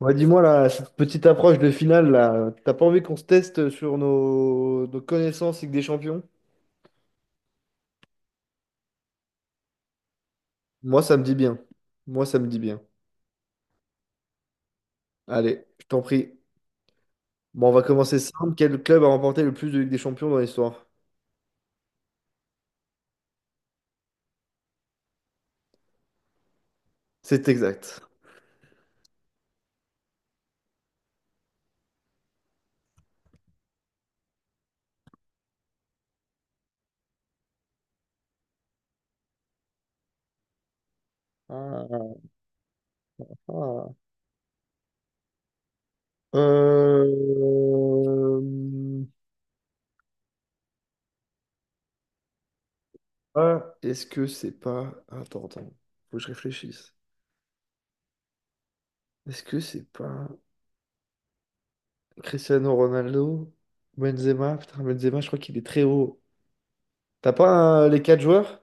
Ouais, dis-moi là, cette petite approche de finale là, t'as pas envie qu'on se teste sur nos connaissances Ligue des Champions? Moi, ça me dit bien. Moi, ça me dit bien. Allez, je t'en prie. Bon, on va commencer simple. Quel club a remporté le plus de Ligue des Champions dans l'histoire? C'est exact. Ah, ah. Euh, ah, est-ce que c'est pas. Attends, attends. Faut que je réfléchisse. Est-ce que c'est pas Cristiano Ronaldo? Benzema? Putain, Benzema, je crois qu'il est très haut. T'as pas les quatre joueurs?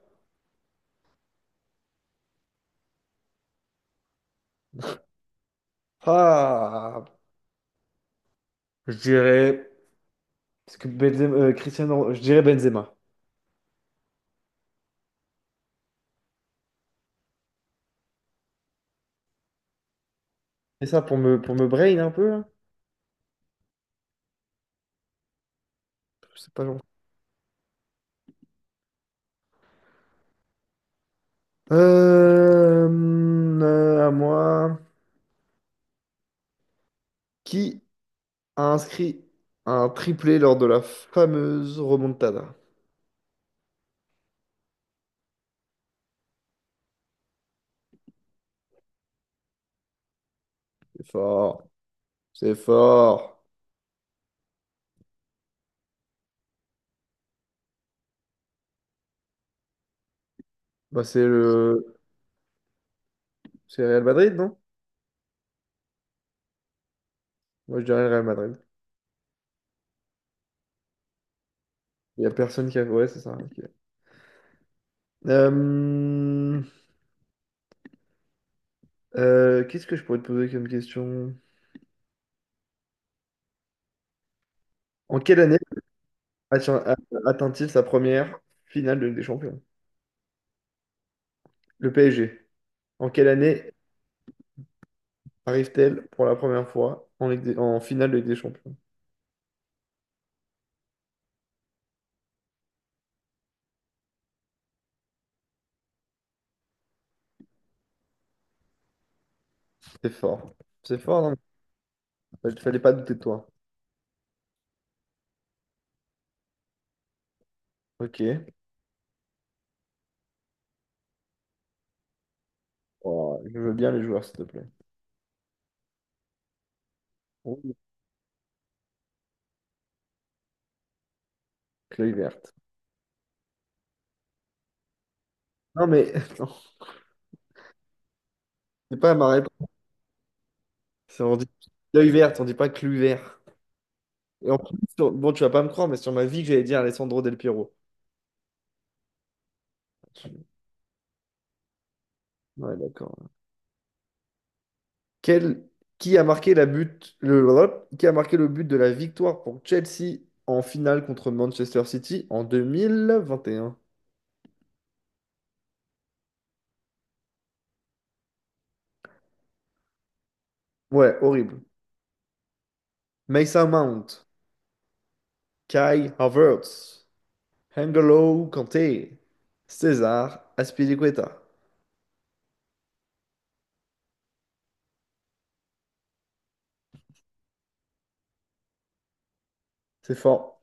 Ah, je dirais. Parce que Benzema, Cristiano, je dirais Benzema. C'est ça pour me brain un peu là? Je sais pas, genre. À moi. Qui a inscrit un triplé lors de la fameuse remontada? C'est fort. C'est fort. Bah, c'est Real Madrid, non? Moi, je dirais le Real Madrid. Il y a personne qui a. Ouais, c'est ça, ok. Euh, hum, qu'est-ce que je pourrais te poser comme question? En quelle année? Atten- Atteint-il sa première finale de Ligue des Champions? Le PSG. En quelle année arrive-t-elle pour la première fois en finale de Ligue des Champions? C'est fort. C'est fort, non? Il fallait pas douter de toi. Ok. Oh, je veux bien les joueurs, s'il te plaît. Oui. Cluy vert. Non, mais non, c'est pas ma réponse. On dit Cluy vert, on dit pas Cluy vert. Et en plus, bon, tu vas pas me croire, mais sur ma vie que j'allais dire Alessandro Del Piero. Ouais, d'accord. Quel- qui a marqué le but de la victoire pour Chelsea en finale contre Manchester City en 2021. Ouais, horrible. Mason Mount, Kai Havertz, N'Golo Kanté, César Azpilicueta. C'est fort.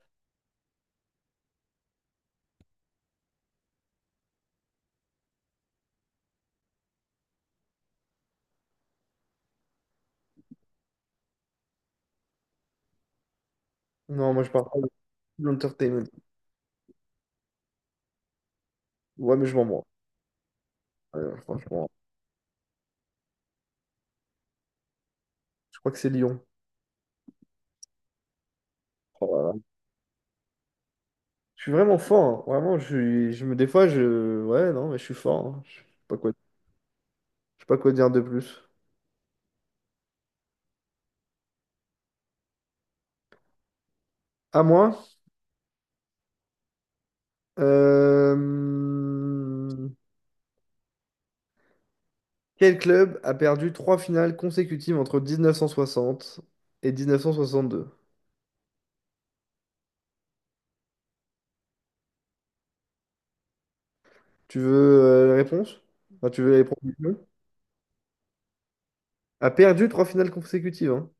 Non, moi je parle pas de l'entertainment. Ouais, mais je m'en moque. Franchement, je crois que c'est Lyon. Oh là là. Je suis vraiment fort, hein. Vraiment, je suis, je me, des fois, je, ouais, non, mais je suis fort, hein. Je sais pas quoi dire de plus. À moi? Euh, Quel club a perdu trois finales consécutives entre 1960 et 1962? Tu veux la réponse? Enfin, tu veux les propositions? A perdu trois finales consécutives, hein.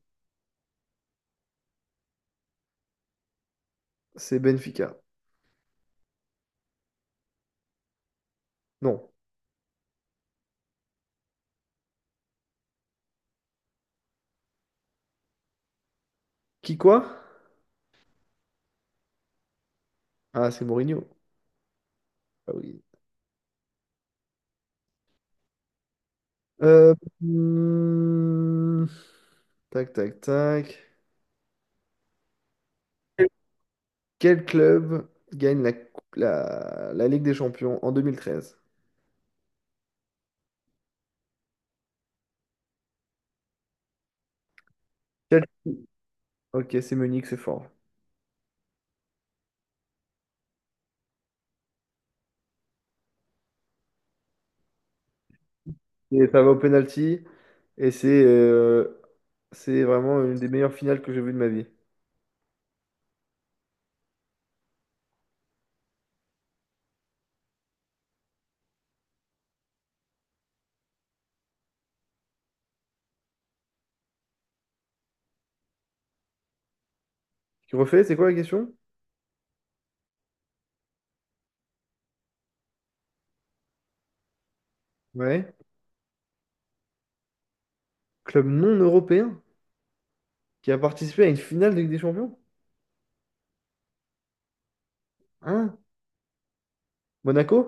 C'est Benfica. Non. Qui quoi? Ah, c'est Mourinho. Ah oui. Euh, hmm, tac, tac, tac. Quel club gagne la Ligue des Champions en 2013? Chelsea. Ok, c'est Munich, c'est fort. Et ça va au penalty. Et c'est vraiment une des meilleures finales que j'ai vues de ma vie. Tu refais, c'est quoi la question? Ouais. Club non européen qui a participé à une finale de Ligue des Champions? Hein? Monaco?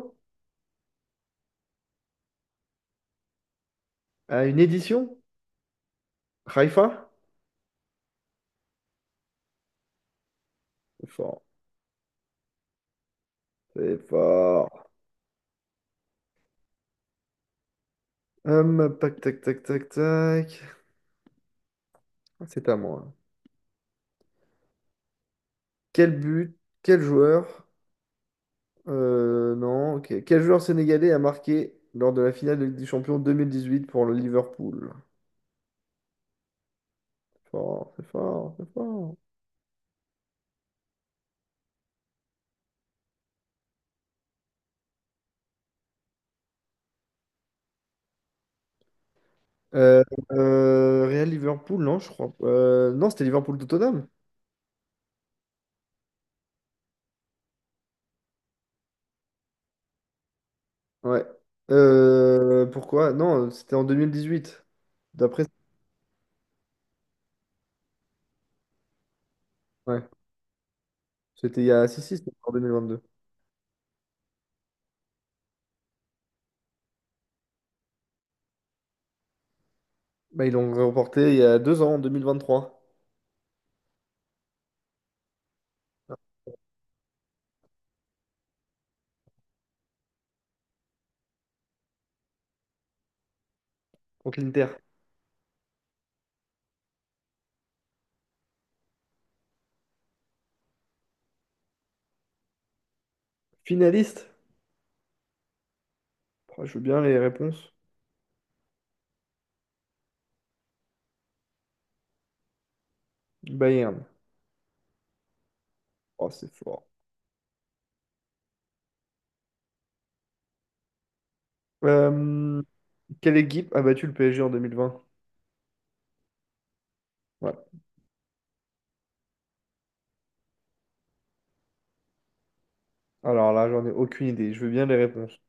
À une édition? Haïfa? C'est fort. C'est fort. Tac, tac, tac, tac, tac. Ah, c'est à moi. Quel but? Quel joueur? Non, ok. Quel joueur sénégalais a marqué lors de la finale de Ligue des Champions 2018 pour le Liverpool? Fort, c'est fort, c'est fort. Euh, Real Liverpool, non, je crois. Non, c'était Liverpool Tottenham. Ouais. Pourquoi? Non, c'était en 2018. D'après. Ouais. C'était il y a. Si, si, c'était en 2022. Bah, ils l'ont remporté il y a deux ans, en 2023, contre l'Inter. Finaliste? Oh, je veux bien les réponses. Bayern. Oh, c'est fort. Euh, quelle équipe a battu le PSG en 2020? Ouais. Alors là, j'en ai aucune idée. Je veux bien les réponses.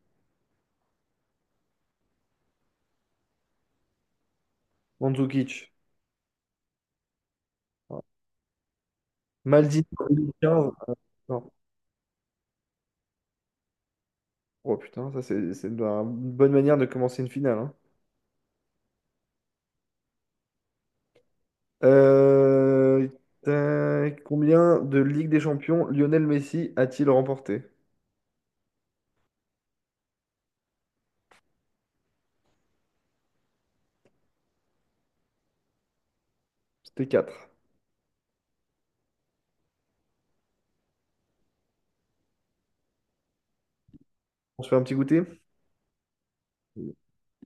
Mandzukic. Ouais. Maldini en 2015. Non. Oh putain, ça c'est une bonne manière de commencer une finale, hein. Euh, tac, combien de Ligue des Champions Lionel Messi a-t-il remporté? C'était quatre. On se fait un petit goûter?